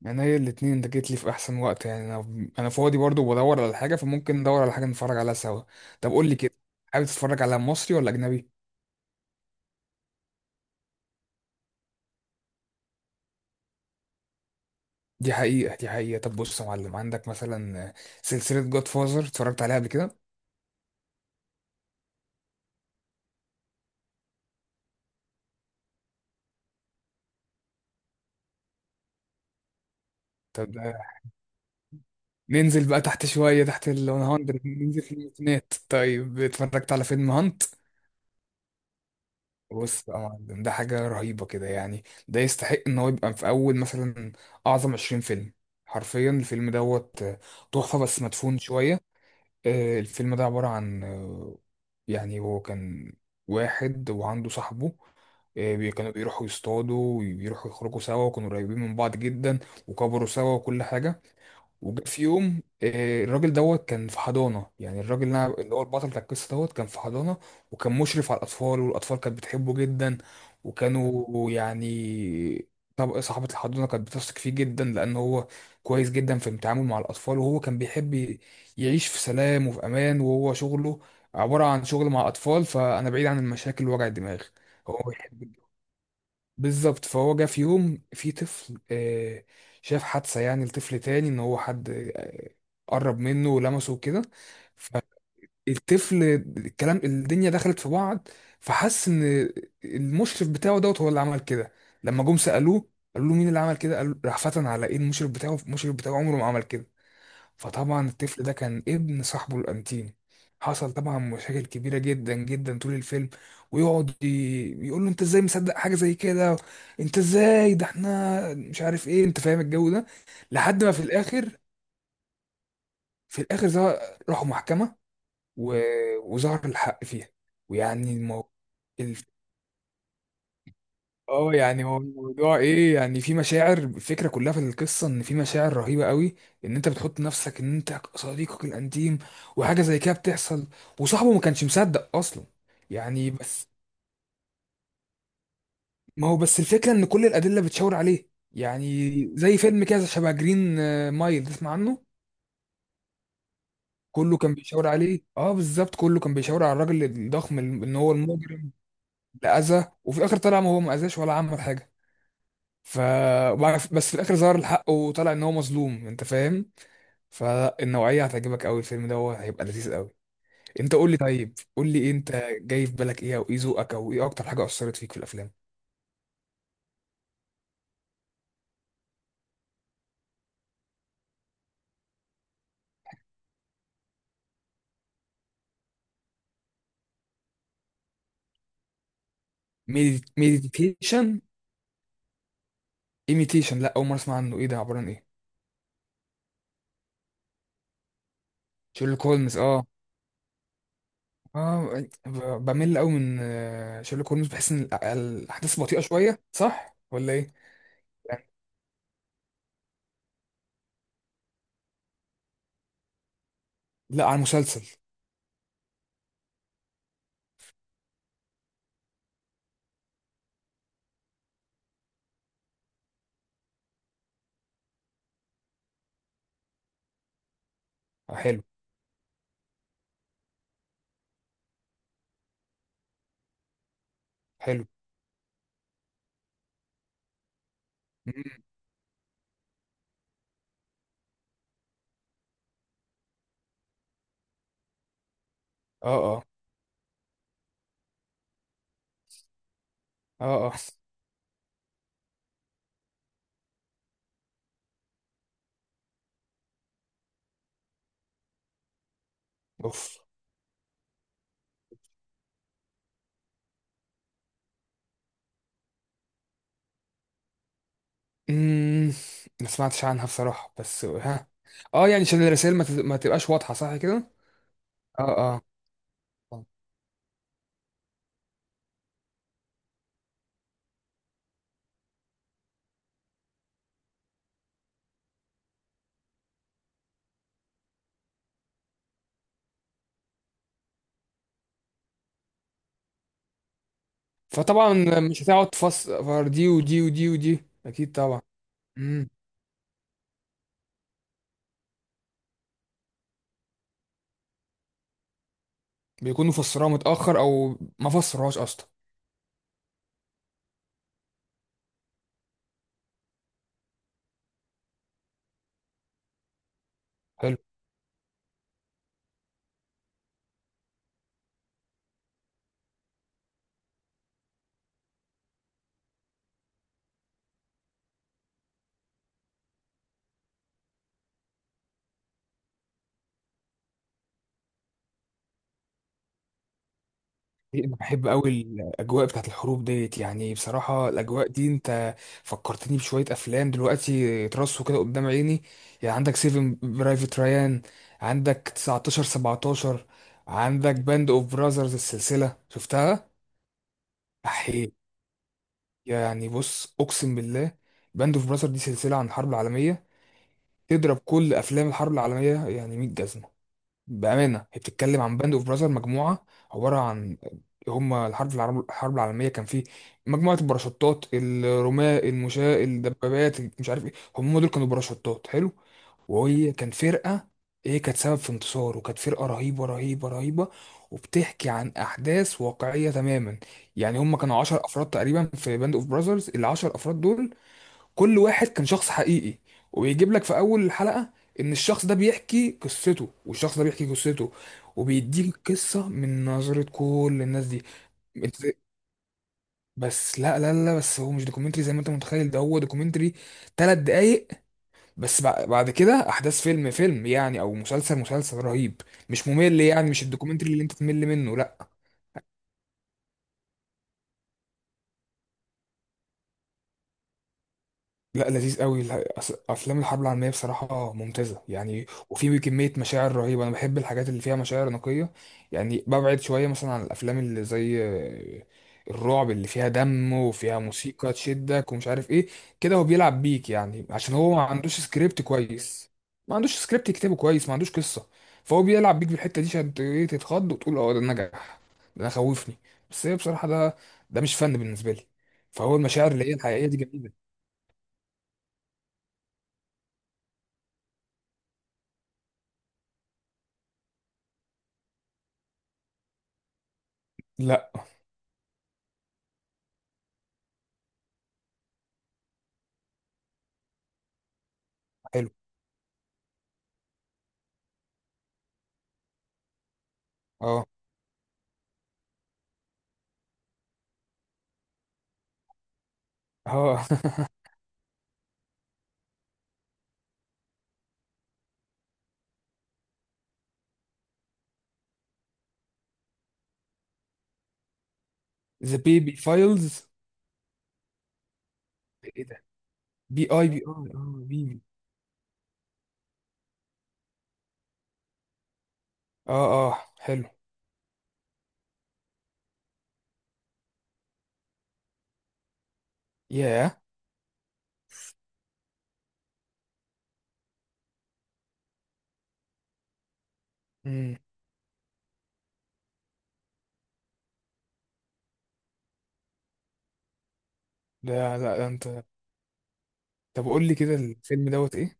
يعني هي الاتنين انت جيت لي في احسن وقت. يعني انا فاضي برضو وبدور على حاجه، فممكن ندور على حاجه نتفرج عليها سوا. طب قول لي كده، حابب تتفرج على مصري ولا اجنبي؟ دي حقيقه. طب بص يا معلم، عندك مثلا سلسله جود فازر، اتفرجت عليها قبل كده؟ طب ده- ننزل بقى تحت شويه، تحت ال 100، ننزل في الميتينات. طيب اتفرجت على فيلم هانت؟ بص بقى يا معلم، ده حاجه رهيبه كده، يعني ده يستحق ان هو يبقى في اول مثلا اعظم 20 فيلم. حرفيا الفيلم دوت تحفه، بس مدفون شويه. الفيلم ده عبارة عن يعني هو كان واحد وعنده صاحبه. كانوا بيروحوا يصطادوا وبيروحوا يخرجوا سوا، وكانوا قريبين من بعض جدا، وكبروا سوا وكل حاجة. وجا في يوم الراجل دوت كان في حضانة. يعني الراجل اللي هو البطل بتاع القصة دوت كان في حضانة، وكان مشرف على الأطفال، والأطفال كانت بتحبه جدا. وكانوا يعني، طب صاحبة الحضانة كانت بتثق فيه جدا، لأن هو كويس جدا في التعامل مع الأطفال. وهو كان بيحب يعيش في سلام وفي أمان، وهو شغله عبارة عن شغل مع أطفال، فأنا بعيد عن المشاكل ووجع الدماغ. هو بيحب بالظبط. فهو جه في يوم في طفل شاف حادثة، يعني لطفل تاني ان هو حد آه، قرب منه ولمسه وكده. فالطفل الكلام الدنيا دخلت في بعض، فحس ان المشرف بتاعه دوت هو اللي عمل كده. لما جم سألوه قالوا له مين اللي عمل كده، قال راح فتن على ايه، المشرف بتاعه، المشرف بتاعه عمره ما عمل كده. فطبعا الطفل ده كان ابن صاحبه الانتيم. حصل طبعا مشاكل كبيره جدا جدا طول الفيلم. ويقعد يقول له انت ازاي مصدق حاجه زي كده؟ انت ازاي ده احنا مش عارف ايه، انت فاهم الجو ده. لحد ما في الاخر، في الاخر ظهر- راحوا محكمه و... وظهر الحق فيها. ويعني المو... اه، يعني هو الموضوع ايه، يعني في مشاعر، الفكره كلها في القصه ان في مشاعر رهيبه قوي، ان انت بتحط نفسك ان انت صديقك الانتيم وحاجه زي كده بتحصل وصاحبه ما كانش مصدق اصلا. يعني بس، ما هو بس الفكره ان كل الادله بتشاور عليه. يعني زي فيلم كده شبه جرين مايل، تسمع عنه؟ كله كان بيشاور عليه، اه بالظبط، كله كان بيشاور على الراجل الضخم ان هو المجرم اللي اذى، وفي الاخر طلع ما هو ما اذاش ولا عمل حاجه. ف بس في الاخر ظهر الحق وطلع ان هو مظلوم، انت فاهم. فالنوعيه هتعجبك قوي، الفيلم ده هو هيبقى لذيذ قوي. انت قول لي، طيب قول لي انت، جاي في بالك ايه او ايه ذوقك او ايه اكتر حاجه اثرت فيك في الافلام؟ ميديتيشن؟ ايميتيشن، لا اول مره اسمع عنه، ايه ده، عباره عن ايه؟ شيرلوك هولمز، اه. اه بمل قوي من شيرلوك هولمز، بحس ان الاحداث بطيئه شويه، صح ولا ايه؟ يعني لا، على المسلسل. حلو. حلو. مم. اه. اه. اه. اه. اوف. امم. ما سمعتش عنها بصراحة، بس ها. اه يعني عشان الرسائل ما تبقاش واضحة، صح كده؟ اه. اه. فطبعا مش هتقعد تفسر دي ودي ودي ودي اكيد طبعا. امم. بيكونوا فسروها متأخر او ما فسروهاش اصلا. حلو. انا بحب قوي الاجواء بتاعت الحروب ديت، يعني بصراحه الاجواء دي انت فكرتني بشويه افلام دلوقتي ترصوا كده قدام عيني. يعني عندك سيفن، برايفت ريان، عندك 19 17، عندك باند اوف براذرز السلسله، شفتها؟ احي. يعني بص اقسم بالله، باند اوف براذرز دي سلسله عن الحرب العالميه، تضرب كل افلام الحرب العالميه يعني 100 جزمه. بأمانة هي بتتكلم عن باند اوف براذر، مجموعة عبارة عن هما، الحرب العالمية كان فيه مجموعة الباراشوتات، الرماة، المشاة، الدبابات، مش عارف ايه، هم دول كانوا باراشوتات، حلو. وهي كان فرقة هي كانت سبب في انتصار، وكانت فرقة رهيبة، وبتحكي عن أحداث واقعية تماما. يعني هم كانوا 10 أفراد تقريبا في باند اوف براذرز، العشر أفراد دول كل واحد كان شخص حقيقي. وبيجيب لك في اول الحلقة ان الشخص ده بيحكي قصته والشخص ده بيحكي قصته، وبيديك القصة من نظرة كل الناس دي. أنت- بس لا بس هو مش دوكيومنتري زي ما انت متخيل. ده هو دوكيومنتري 3 دقايق بس، بعد كده احداث فيلم فيلم يعني، او مسلسل مسلسل رهيب، مش ممل يعني، مش الدوكيومنتري اللي انت تمل منه لا. لا لذيذ قوي افلام الحرب العالميه بصراحه ممتازه يعني، وفي كميه مشاعر رهيبه. انا بحب الحاجات اللي فيها مشاعر نقيه، يعني ببعد شويه مثلا عن الافلام اللي زي الرعب، اللي فيها دم وفيها موسيقى تشدك ومش عارف ايه كده. هو بيلعب بيك يعني، عشان هو ما عندوش سكريبت كويس، ما عندوش سكريبت يكتبه كويس، ما عندوش قصه، فهو بيلعب بيك بالحته دي عشان ت- إيه، تتخض وتقول اه ده نجح، ده خوفني. بس هي بصراحه ده، ده مش فن بالنسبه لي. فهو المشاعر اللي هي الحقيقيه دي جميله. لا. اه. اه. ذا بيبي فايلز؟ ايه ده؟ بي اي بي اي، اه، بيبي. اه اه، حلو. ياه. امم. ده لا، ده انت طب قول لي كده، الفيلم دوت ايه؟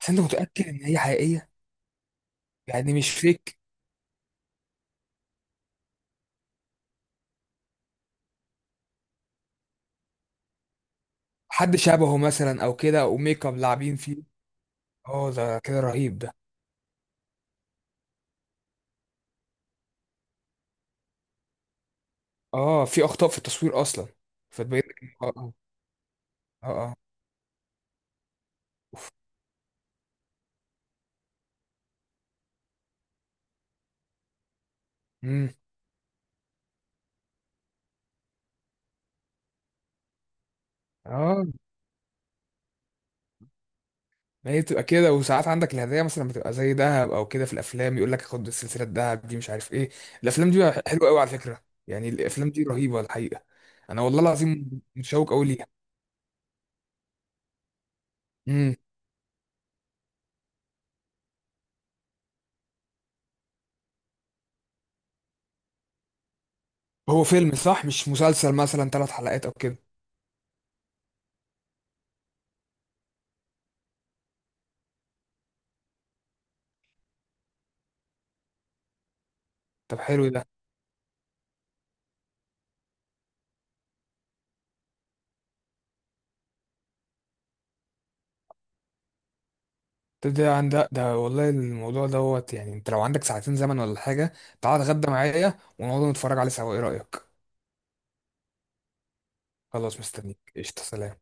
بس انت متأكد ان هي حقيقية؟ يعني مش فيك حد شبهه مثلا او كده، او ميك اب لاعبين فيه؟ اه ده كده رهيب ده. اه، في اخطاء في التصوير اصلا؟ اه. اه. اه. امم. اه. مم. آه. ما هي بتبقى كده، وساعات عندك الهدايا مثلا بتبقى زي دهب او كده، في الافلام يقول لك خد سلسله دهب دي مش عارف ايه. الافلام دي بقى حلوه قوي على فكره، يعني الافلام دي رهيبه الحقيقه. انا والله العظيم متشوق قوي ليها. امم. هو فيلم صح، مش مسلسل مثلا 3 حلقات او كده؟ طب حلو ده. طب ده عندك ده والله الموضوع دوت، يعني انت لو عندك ساعتين زمن ولا حاجه، تعال اتغدى معايا ونقعد نتفرج عليه سوا، ايه رايك؟ خلاص مستنيك، قشطه، سلام.